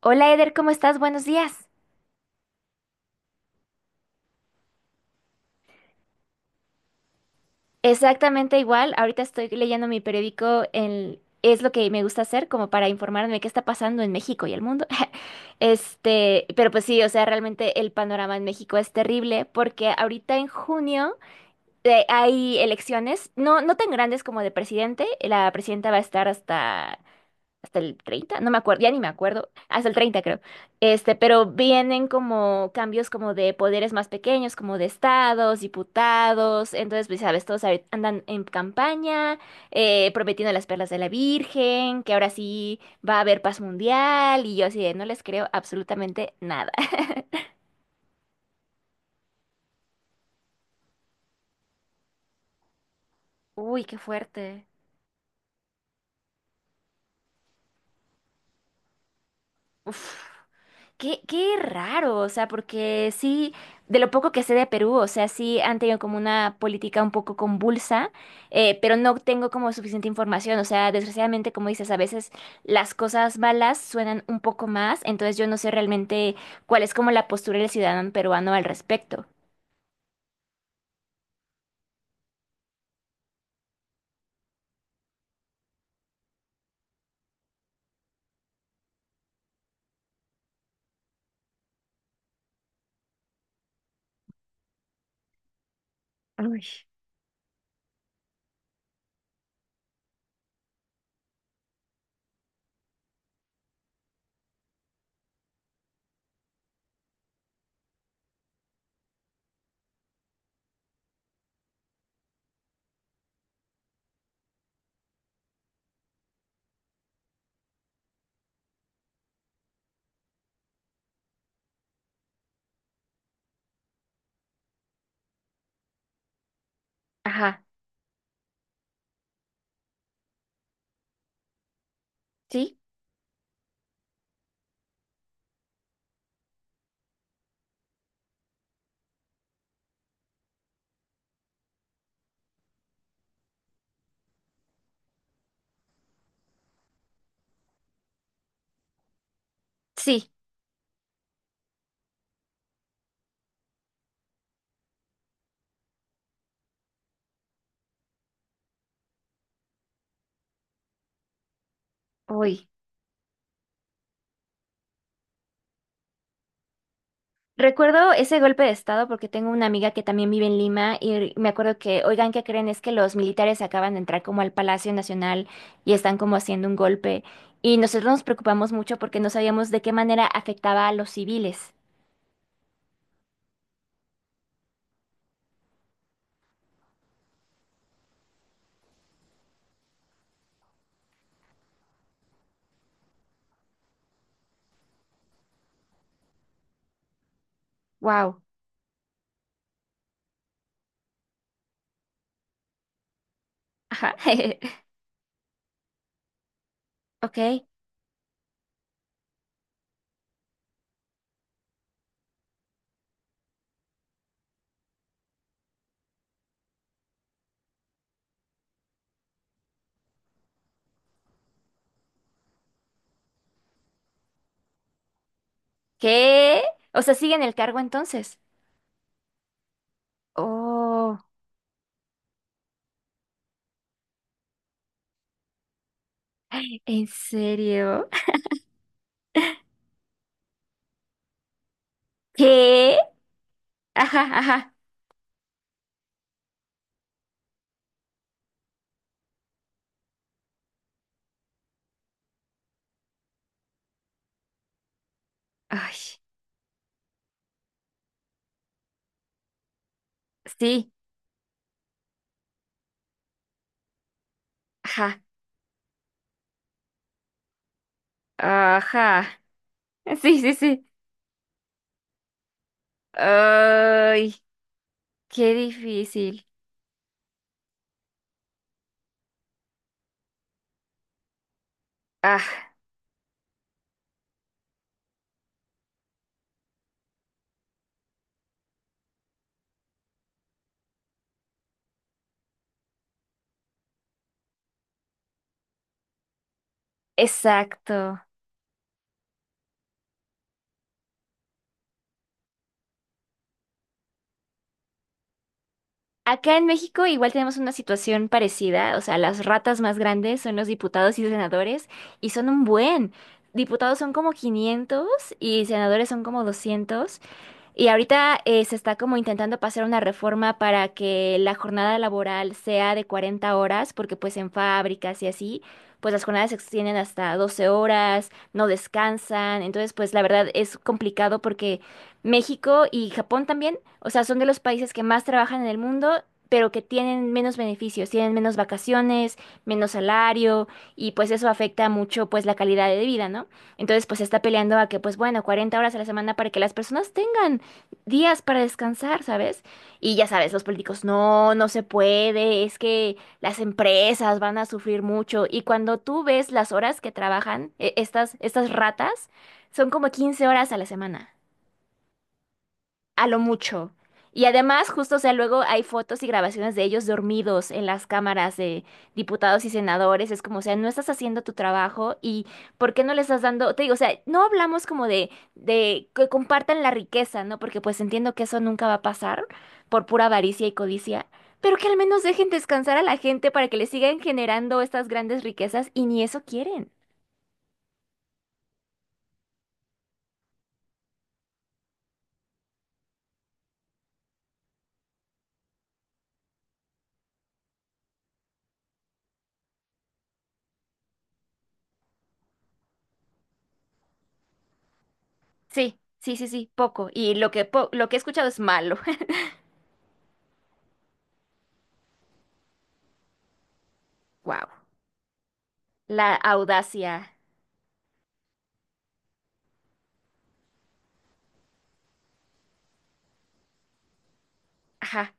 Hola Eder, ¿cómo estás? Buenos días. Exactamente igual, ahorita estoy leyendo mi periódico, es lo que me gusta hacer como para informarme de qué está pasando en México y el mundo. Pero pues sí, o sea, realmente el panorama en México es terrible porque ahorita en junio hay elecciones, no, no tan grandes como de presidente, la presidenta va a estar hasta el 30 no me acuerdo, ya ni me acuerdo, hasta el 30 creo. Pero vienen como cambios como de poderes más pequeños, como de estados, diputados, entonces pues sabes, todos ahorita andan en campaña, prometiendo las perlas de la Virgen, que ahora sí va a haber paz mundial y yo así de no les creo absolutamente nada. Uy, qué fuerte. Uf. Qué raro, o sea, porque sí, de lo poco que sé de Perú, o sea, sí han tenido como una política un poco convulsa, pero no tengo como suficiente información, o sea, desgraciadamente, como dices, a veces las cosas malas suenan un poco más, entonces yo no sé realmente cuál es como la postura del ciudadano peruano al respecto. Uy. Ajá, ¿sí? Sí, uy. Recuerdo ese golpe de estado porque tengo una amiga que también vive en Lima y me acuerdo que, oigan, ¿qué creen? Es que los militares acaban de entrar como al Palacio Nacional y están como haciendo un golpe. Y nosotros nos preocupamos mucho porque no sabíamos de qué manera afectaba a los civiles. Wow. Ajá. Ok. ¿Qué? O sea, ¿siguen el cargo entonces? Oh, ¿en serio? ¿Qué? Ajá, ajá. Ay, sí. Ajá. Ajá. Sí, sí, sí. Ay. Qué difícil. Ah, exacto. Acá en México igual tenemos una situación parecida, o sea, las ratas más grandes son los diputados y senadores y son un buen. Diputados son como 500 y senadores son como 200. Y ahorita se está como intentando pasar una reforma para que la jornada laboral sea de 40 horas, porque pues en fábricas y así, pues las jornadas se extienden hasta 12 horas, no descansan. Entonces, pues la verdad es complicado porque México y Japón también, o sea, son de los países que más trabajan en el mundo, pero que tienen menos beneficios, tienen menos vacaciones, menos salario, y pues eso afecta mucho pues la calidad de vida, ¿no? Entonces, pues se está peleando a que, pues bueno, 40 horas a la semana para que las personas tengan días para descansar, ¿sabes? Y ya sabes, los políticos, no, no se puede, es que las empresas van a sufrir mucho. Y cuando tú ves las horas que trabajan, estas ratas, son como 15 horas a la semana a lo mucho. Y además, justo, o sea, luego hay fotos y grabaciones de ellos dormidos en las cámaras de diputados y senadores. Es como, o sea, no estás haciendo tu trabajo y ¿por qué no le estás dando? Te digo, o sea, no hablamos como de, que compartan la riqueza, ¿no? Porque pues entiendo que eso nunca va a pasar por pura avaricia y codicia, pero que al menos dejen descansar a la gente para que le sigan generando estas grandes riquezas y ni eso quieren. Sí, sí, sí, sí, poco. Y lo que, lo que he escuchado es malo. Wow, la audacia. Ajá,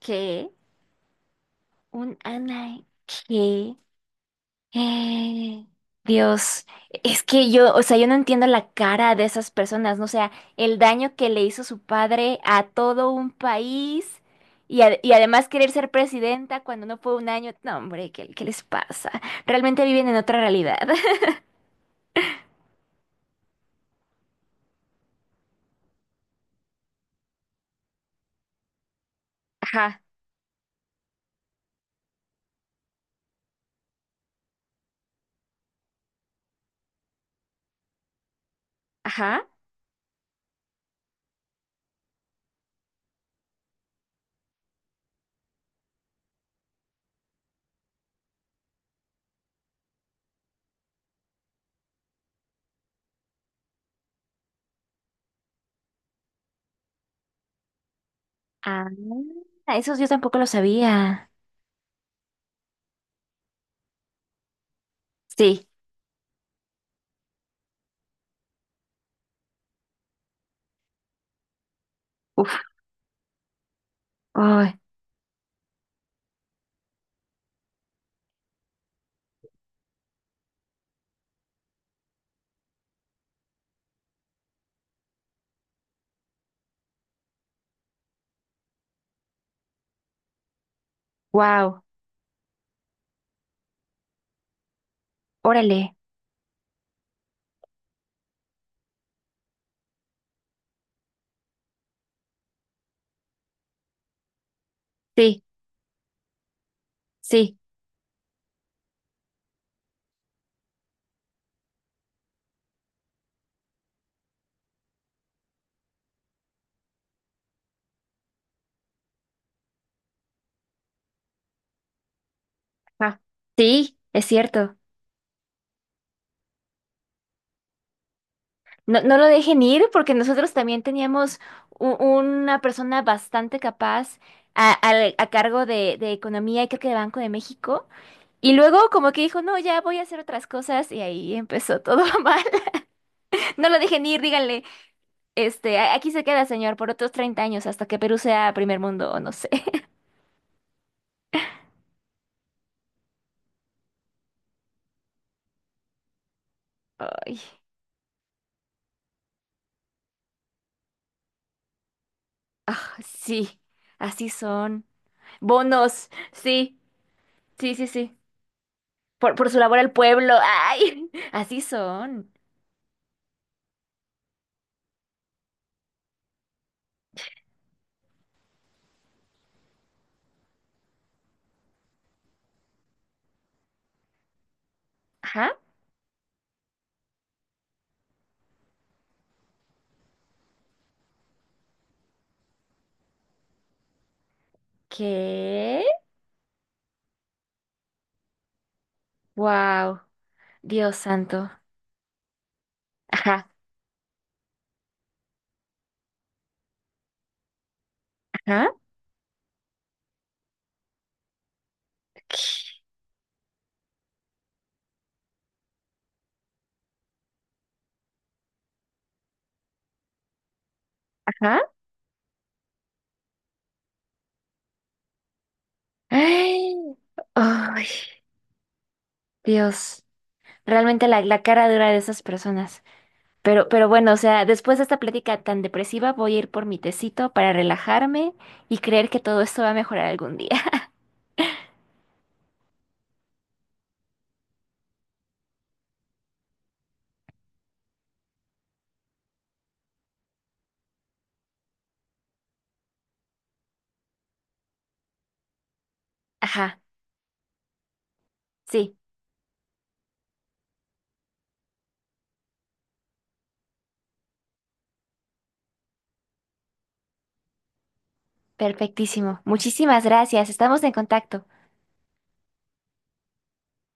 que un ana, que eh, Dios, es que yo, o sea, yo no entiendo la cara de esas personas, ¿no? O sea, el daño que le hizo su padre a todo un país y además querer ser presidenta cuando no fue un año, no, hombre, ¿qué, qué les pasa? Realmente viven en otra realidad. Ajá, ajá. Ah, esos yo tampoco lo sabía. Sí, uf, ay, wow, órale, sí, sí. Ah, sí, es cierto. No, no lo dejen ir porque nosotros también teníamos una persona bastante capaz a cargo de, economía y creo que de Banco de México. Y luego como que dijo, no, ya voy a hacer otras cosas y ahí empezó todo mal. No lo dejen ir, díganle, Aquí se queda, señor, por otros 30 años hasta que Perú sea primer mundo o no sé. Ay, ah, sí, así son. Bonos, sí, sí, sí, sí. Por su labor al pueblo. ¡Ay! Así son. Ajá. ¿Qué? Wow. Dios santo. Ajá. Ajá. Ajá. Ay. Ay, Dios. Realmente la cara dura de esas personas. Pero bueno, o sea, después de esta plática tan depresiva, voy a ir por mi tecito para relajarme y creer que todo esto va a mejorar algún día. Ajá. Sí. Perfectísimo. Muchísimas gracias. Estamos en contacto.